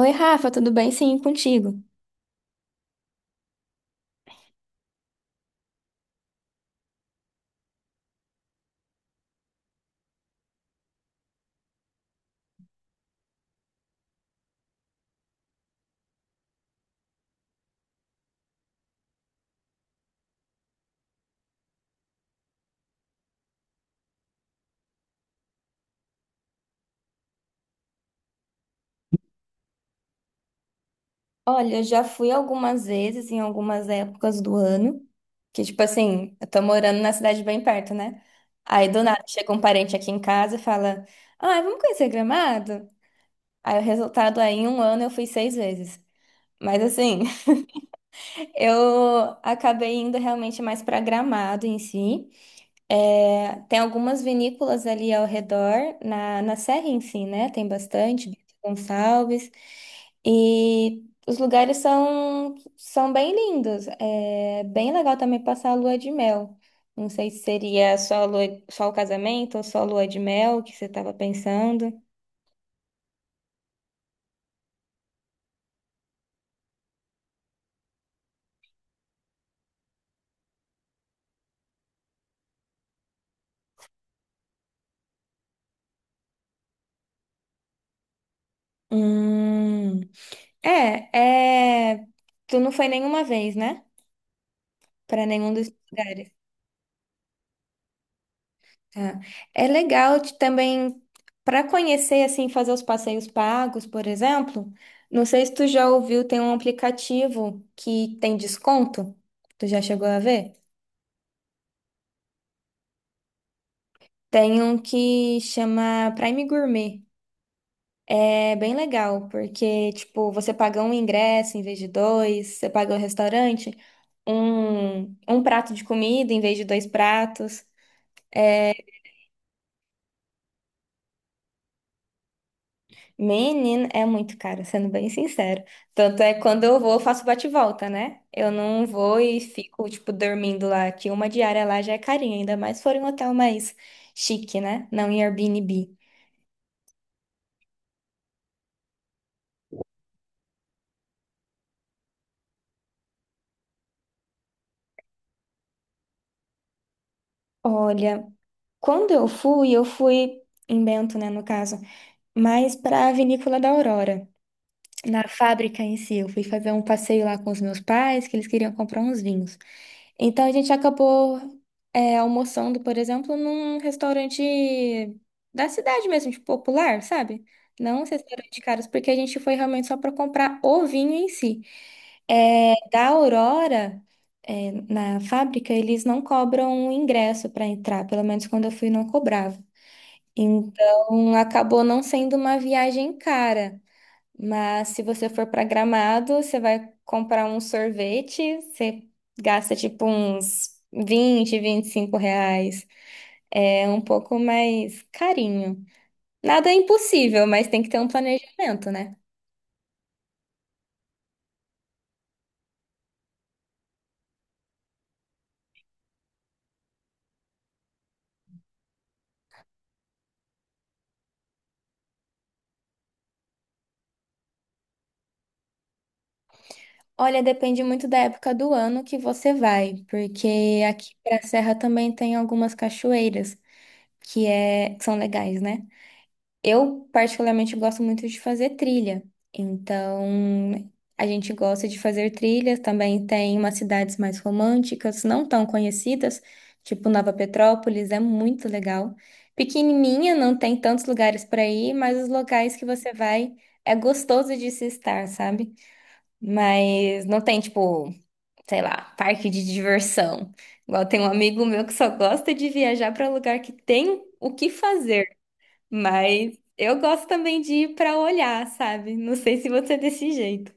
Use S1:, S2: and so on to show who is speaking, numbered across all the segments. S1: Oi, Rafa, tudo bem? Sim, contigo. Olha, já fui algumas vezes em algumas épocas do ano, que tipo assim, eu tô morando na cidade bem perto, né? Aí do nada chega um parente aqui em casa e fala: "Ah, vamos conhecer Gramado?" Aí o resultado aí em um ano eu fui seis vezes. Mas assim, eu acabei indo realmente mais pra Gramado em si. É, tem algumas vinícolas ali ao redor, na serra em si, né? Tem bastante, Bento Gonçalves. E os lugares são bem lindos. É bem legal também passar a lua de mel. Não sei se seria só, a lua, só o casamento ou só a lua de mel que você estava pensando. Hum, é, é. Tu não foi nenhuma vez, né? Para nenhum dos lugares. Tá. É legal de também para conhecer assim, fazer os passeios pagos, por exemplo. Não sei se tu já ouviu, tem um aplicativo que tem desconto. Tu já chegou a ver? Tem um que chama Prime Gourmet. É bem legal, porque tipo, você paga um ingresso em vez de dois, você paga o restaurante, um, um prato de comida em vez de dois pratos. É, menino, é muito caro, sendo bem sincero. Tanto é que quando eu vou, eu faço bate-volta, né? Eu não vou e fico, tipo, dormindo lá, que uma diária lá já é carinha, ainda mais se for em um hotel mais chique, né? Não em Airbnb. Olha, quando eu fui em Bento, né, no caso, mas para a Vinícola da Aurora, na fábrica em si. Eu fui fazer um passeio lá com os meus pais, que eles queriam comprar uns vinhos. Então a gente acabou almoçando, por exemplo, num restaurante da cidade mesmo, tipo, popular, sabe? Não os restaurantes caros, porque a gente foi realmente só para comprar o vinho em si. É, da Aurora, é, na fábrica, eles não cobram ingresso para entrar, pelo menos quando eu fui não cobrava. Então acabou não sendo uma viagem cara. Mas se você for para Gramado, você vai comprar um sorvete, você gasta tipo uns R$ 20 a 25. É um pouco mais carinho. Nada é impossível, mas tem que ter um planejamento, né? Olha, depende muito da época do ano que você vai, porque aqui para a Serra também tem algumas cachoeiras que, é, que são legais, né? Eu, particularmente, gosto muito de fazer trilha. Então, a gente gosta de fazer trilhas. Também tem umas cidades mais românticas, não tão conhecidas, tipo Nova Petrópolis, é muito legal. Pequenininha, não tem tantos lugares para ir, mas os locais que você vai é gostoso de se estar, sabe? Mas não tem, tipo, sei lá, parque de diversão. Igual tem um amigo meu que só gosta de viajar para lugar que tem o que fazer. Mas eu gosto também de ir pra olhar, sabe? Não sei se você é desse jeito.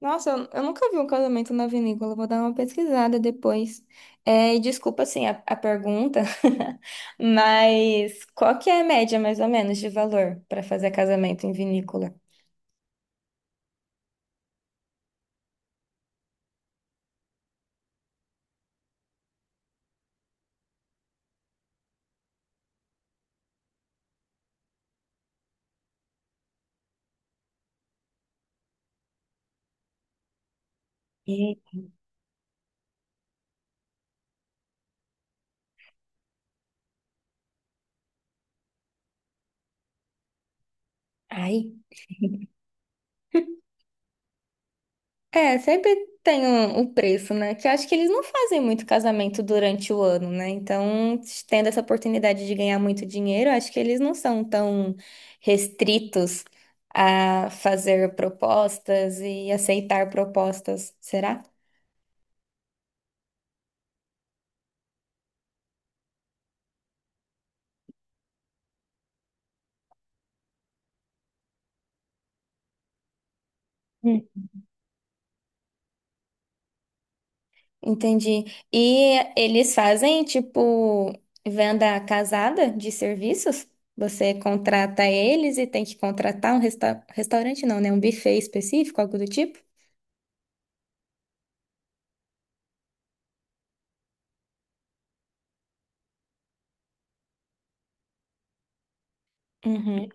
S1: Nossa, eu nunca vi um casamento na vinícola, vou dar uma pesquisada depois. É, e desculpa, assim, a pergunta, mas qual que é a média, mais ou menos, de valor para fazer casamento em vinícola? E aí? É, sempre tem um preço, né? Que eu acho que eles não fazem muito casamento durante o ano, né? Então, tendo essa oportunidade de ganhar muito dinheiro, eu acho que eles não são tão restritos a fazer propostas e aceitar propostas, será? Hum. Entendi. E eles fazem, tipo, venda casada de serviços? Você contrata eles e tem que contratar um restaurante, não, né? Um buffet específico, algo do tipo? Uhum,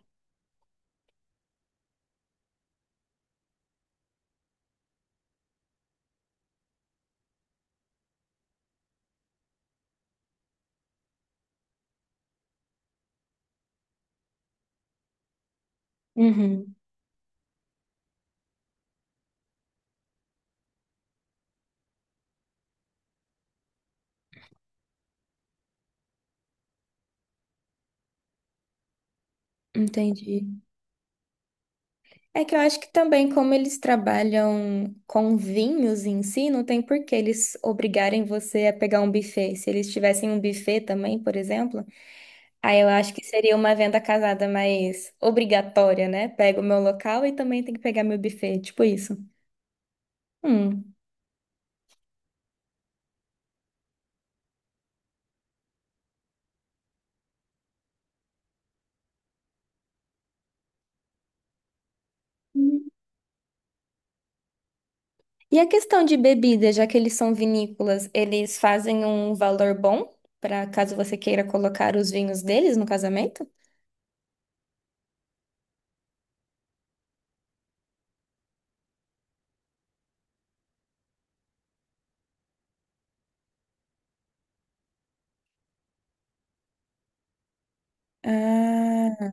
S1: uhum. Entendi. É que eu acho que também, como eles trabalham com vinhos em si, não tem por que eles obrigarem você a pegar um buffet. Se eles tivessem um buffet também, por exemplo, aí eu acho que seria uma venda casada mais obrigatória, né? Pego o meu local e também tem que pegar meu buffet, tipo isso. Hum. Hum. E a questão de bebida, já que eles são vinícolas, eles fazem um valor bom para caso você queira colocar os vinhos deles no casamento? Ah,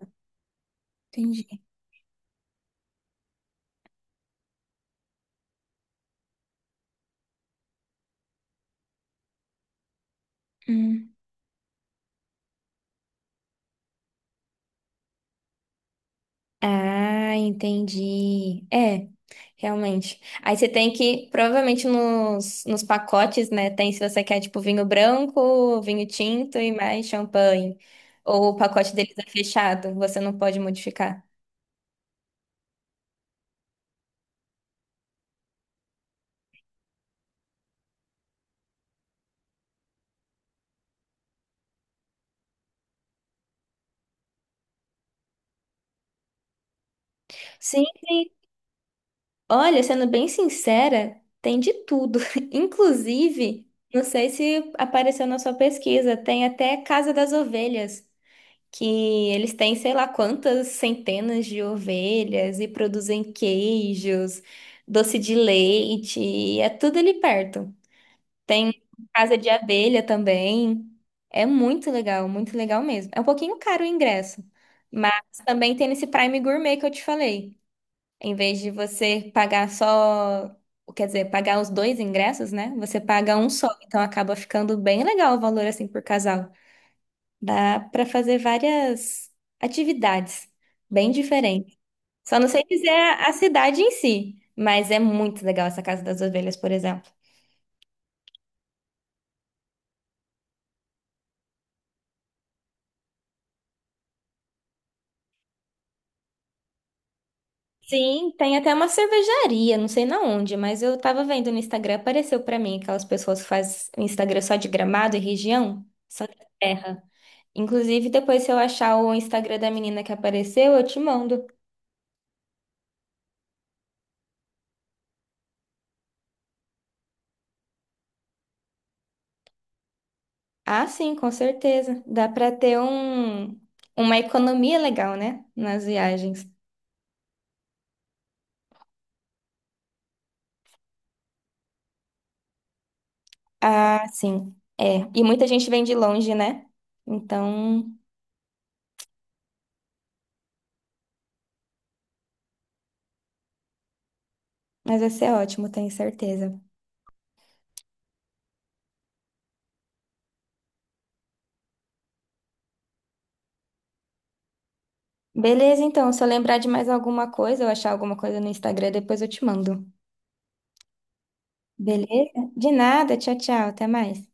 S1: entendi. Ah, entendi. É, realmente. Aí você tem que, provavelmente nos pacotes, né? Tem se você quer, tipo, vinho branco, vinho tinto e mais champanhe. Ou o pacote deles é fechado, você não pode modificar. Sim, sim. Olha, sendo bem sincera, tem de tudo. Inclusive, não sei se apareceu na sua pesquisa, tem até Casa das Ovelhas. Que eles têm sei lá quantas centenas de ovelhas e produzem queijos, doce de leite, e é tudo ali perto. Tem casa de abelha também. É muito legal mesmo. É um pouquinho caro o ingresso, mas também tem esse Prime Gourmet que eu te falei. Em vez de você pagar só, quer dizer, pagar os dois ingressos, né? Você paga um só, então acaba ficando bem legal o valor assim por casal. Dá para fazer várias atividades bem diferentes. Só não sei dizer a cidade em si, mas é muito legal essa Casa das Ovelhas, por exemplo. Sim, tem até uma cervejaria, não sei na onde, mas eu tava vendo no Instagram, apareceu pra mim aquelas pessoas que fazem o Instagram só de Gramado e região, só da terra. Inclusive, depois se eu achar o Instagram da menina que apareceu, eu te mando. Ah, sim, com certeza. Dá pra ter um, uma economia legal, né, nas viagens. Ah, sim. É. E muita gente vem de longe, né? Então, mas vai ser ótimo, tenho certeza. Beleza, então. Se eu lembrar de mais alguma coisa, eu achar alguma coisa no Instagram, depois eu te mando. Beleza? De nada. Tchau, tchau. Até mais.